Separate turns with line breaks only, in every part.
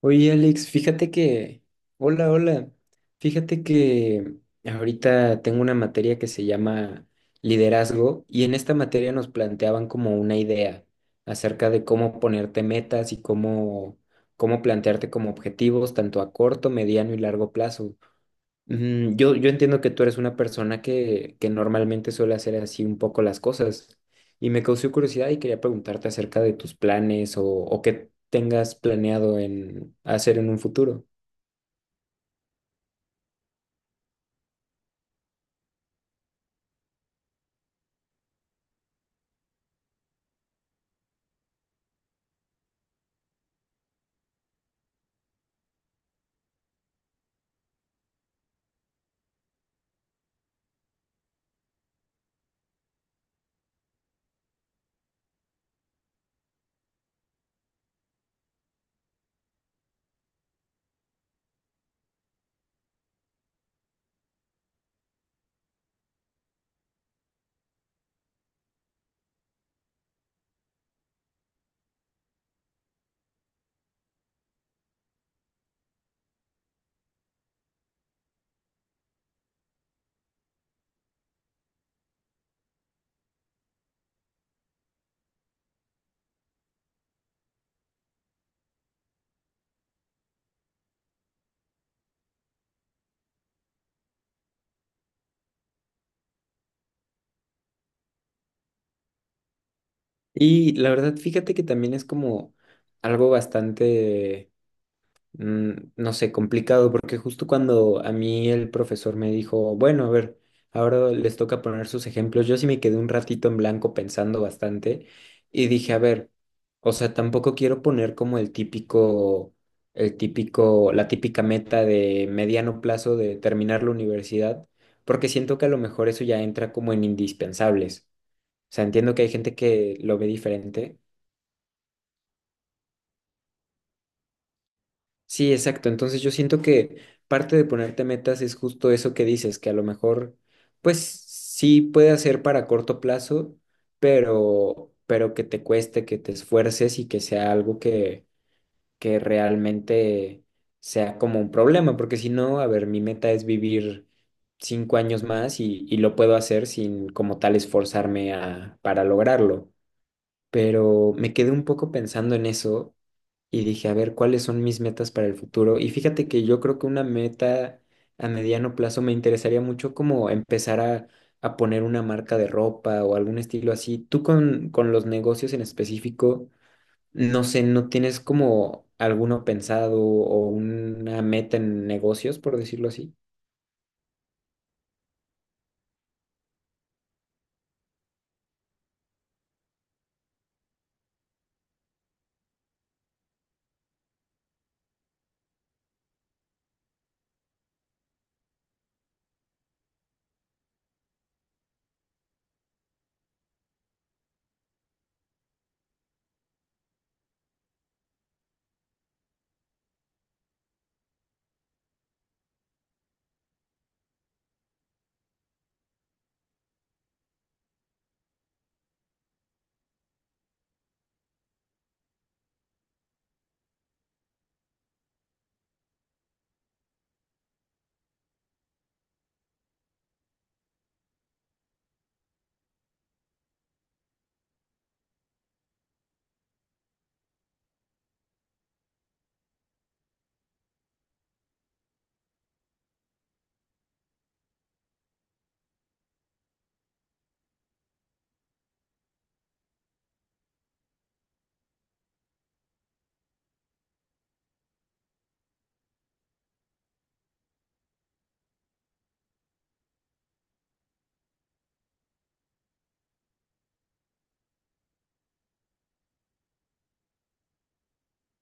Oye, Alex, fíjate que, hola, hola, fíjate que ahorita tengo una materia que se llama liderazgo y en esta materia nos planteaban como una idea acerca de cómo ponerte metas y cómo plantearte como objetivos tanto a corto, mediano y largo plazo. Yo entiendo que tú eres una persona que normalmente suele hacer así un poco las cosas y me causó curiosidad y quería preguntarte acerca de tus planes o qué tengas planeado en hacer en un futuro. Y la verdad, fíjate que también es como algo bastante no sé, complicado, porque justo cuando a mí el profesor me dijo, bueno, a ver, ahora les toca poner sus ejemplos, yo sí me quedé un ratito en blanco pensando bastante y dije, a ver, o sea, tampoco quiero poner como el típico, la típica meta de mediano plazo de terminar la universidad, porque siento que a lo mejor eso ya entra como en indispensables. O sea, entiendo que hay gente que lo ve diferente. Sí, exacto. Entonces yo siento que parte de ponerte metas es justo eso que dices, que a lo mejor, pues sí puede ser para corto plazo, pero que te cueste, que te esfuerces y que sea algo que realmente sea como un problema, porque si no, a ver, mi meta es vivir 5 años más y lo puedo hacer sin como tal esforzarme a, para lograrlo, pero me quedé un poco pensando en eso y dije, a ver, ¿cuáles son mis metas para el futuro? Y fíjate que yo creo que una meta a mediano plazo me interesaría mucho como empezar a poner una marca de ropa o algún estilo así. Tú con los negocios en específico, no sé, ¿no tienes como alguno pensado o una meta en negocios, por decirlo así?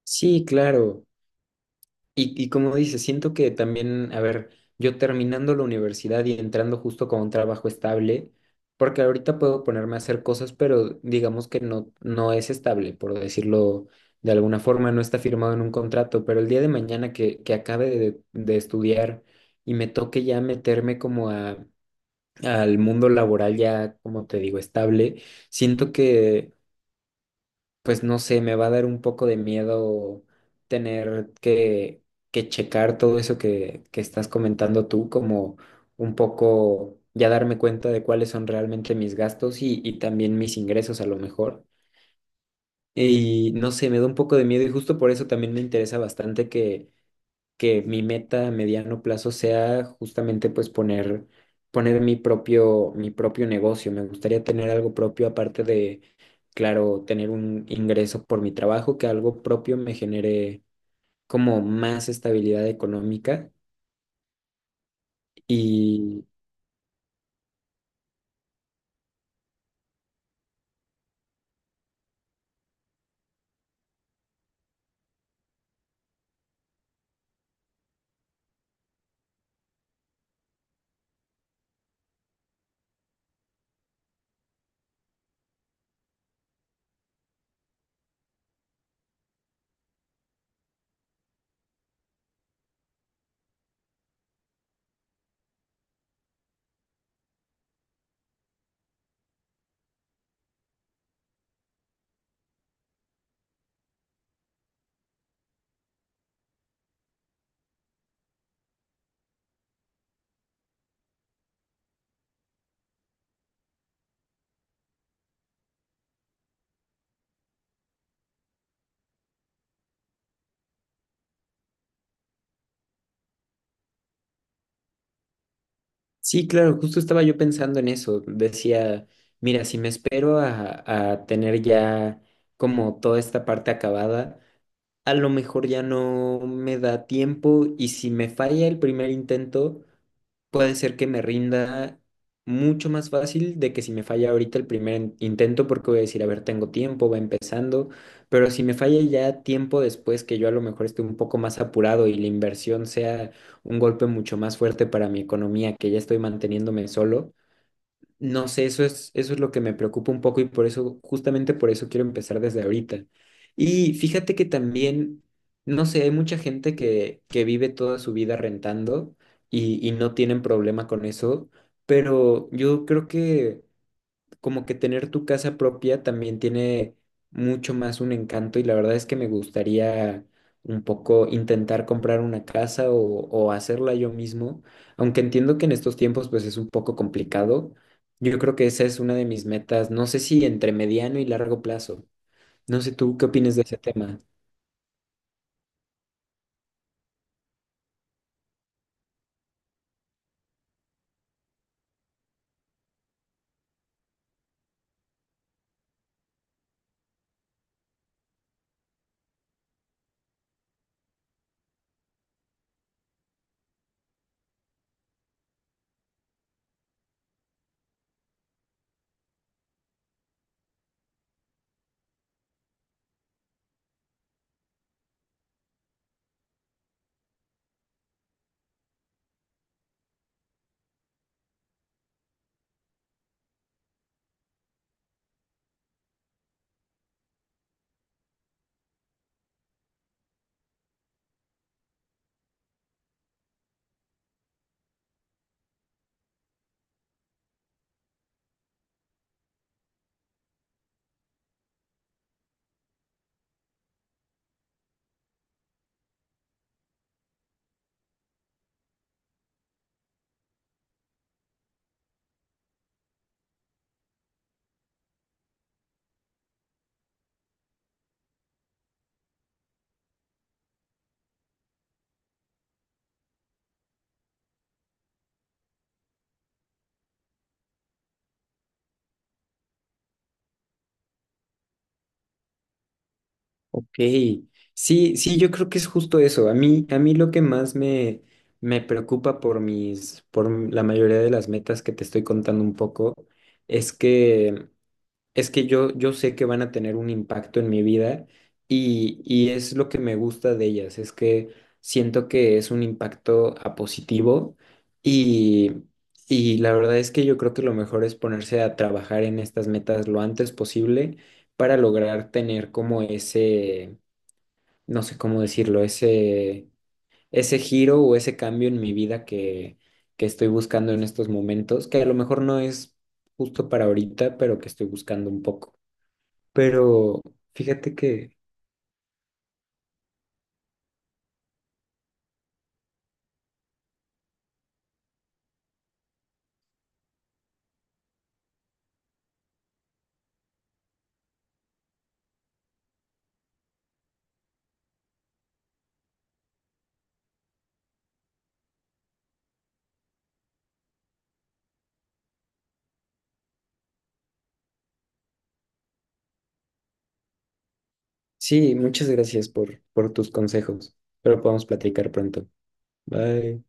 Sí, claro. Y como dices, siento que también, a ver, yo terminando la universidad y entrando justo con un trabajo estable, porque ahorita puedo ponerme a hacer cosas, pero digamos que no es estable, por decirlo de alguna forma, no está firmado en un contrato, pero el día de mañana que acabe de estudiar y me toque ya meterme como a, al mundo laboral ya, como te digo, estable, siento que pues no sé, me va a dar un poco de miedo tener que checar todo eso que estás comentando tú, como un poco ya darme cuenta de cuáles son realmente mis gastos y también mis ingresos a lo mejor. Y no sé, me da un poco de miedo y justo por eso también me interesa bastante que mi meta a mediano plazo sea justamente pues poner, poner mi propio negocio. Me gustaría tener algo propio aparte de, claro, tener un ingreso por mi trabajo, que algo propio me genere como más estabilidad económica. Y sí, claro, justo estaba yo pensando en eso. Decía, mira, si me espero a tener ya como toda esta parte acabada a lo mejor ya no me da tiempo y si me falla el primer intento, puede ser que me rinda mucho más fácil de que si me falla ahorita el primer intento, porque voy a decir, a ver, tengo tiempo, va empezando, pero si me falla ya tiempo después, que yo a lo mejor esté un poco más apurado y la inversión sea un golpe mucho más fuerte para mi economía, que ya estoy manteniéndome solo. No sé, eso es lo que me preocupa un poco y por eso, justamente por eso quiero empezar desde ahorita. Y fíjate que también, no sé, hay mucha gente que vive toda su vida rentando y no tienen problema con eso, pero yo creo que como que tener tu casa propia también tiene mucho más un encanto y la verdad es que me gustaría un poco intentar comprar una casa o hacerla yo mismo, aunque entiendo que en estos tiempos pues es un poco complicado. Yo creo que esa es una de mis metas, no sé si entre mediano y largo plazo. No sé tú qué opinas de ese tema. Ok, sí, sí, yo creo que es justo eso. A mí lo que más me, me preocupa por mis, por m- la mayoría de las metas que te estoy contando un poco, es que, es que yo sé que van a tener un impacto en mi vida y es lo que me gusta de ellas, es que siento que es un impacto a positivo y, y la verdad es que yo creo que lo mejor es ponerse a trabajar en estas metas lo antes posible para lograr tener como ese, no sé cómo decirlo, ese giro o ese cambio en mi vida que estoy buscando en estos momentos, que a lo mejor no es justo para ahorita, pero que estoy buscando un poco. Pero fíjate que sí, muchas gracias por tus consejos, pero podemos platicar pronto. Bye.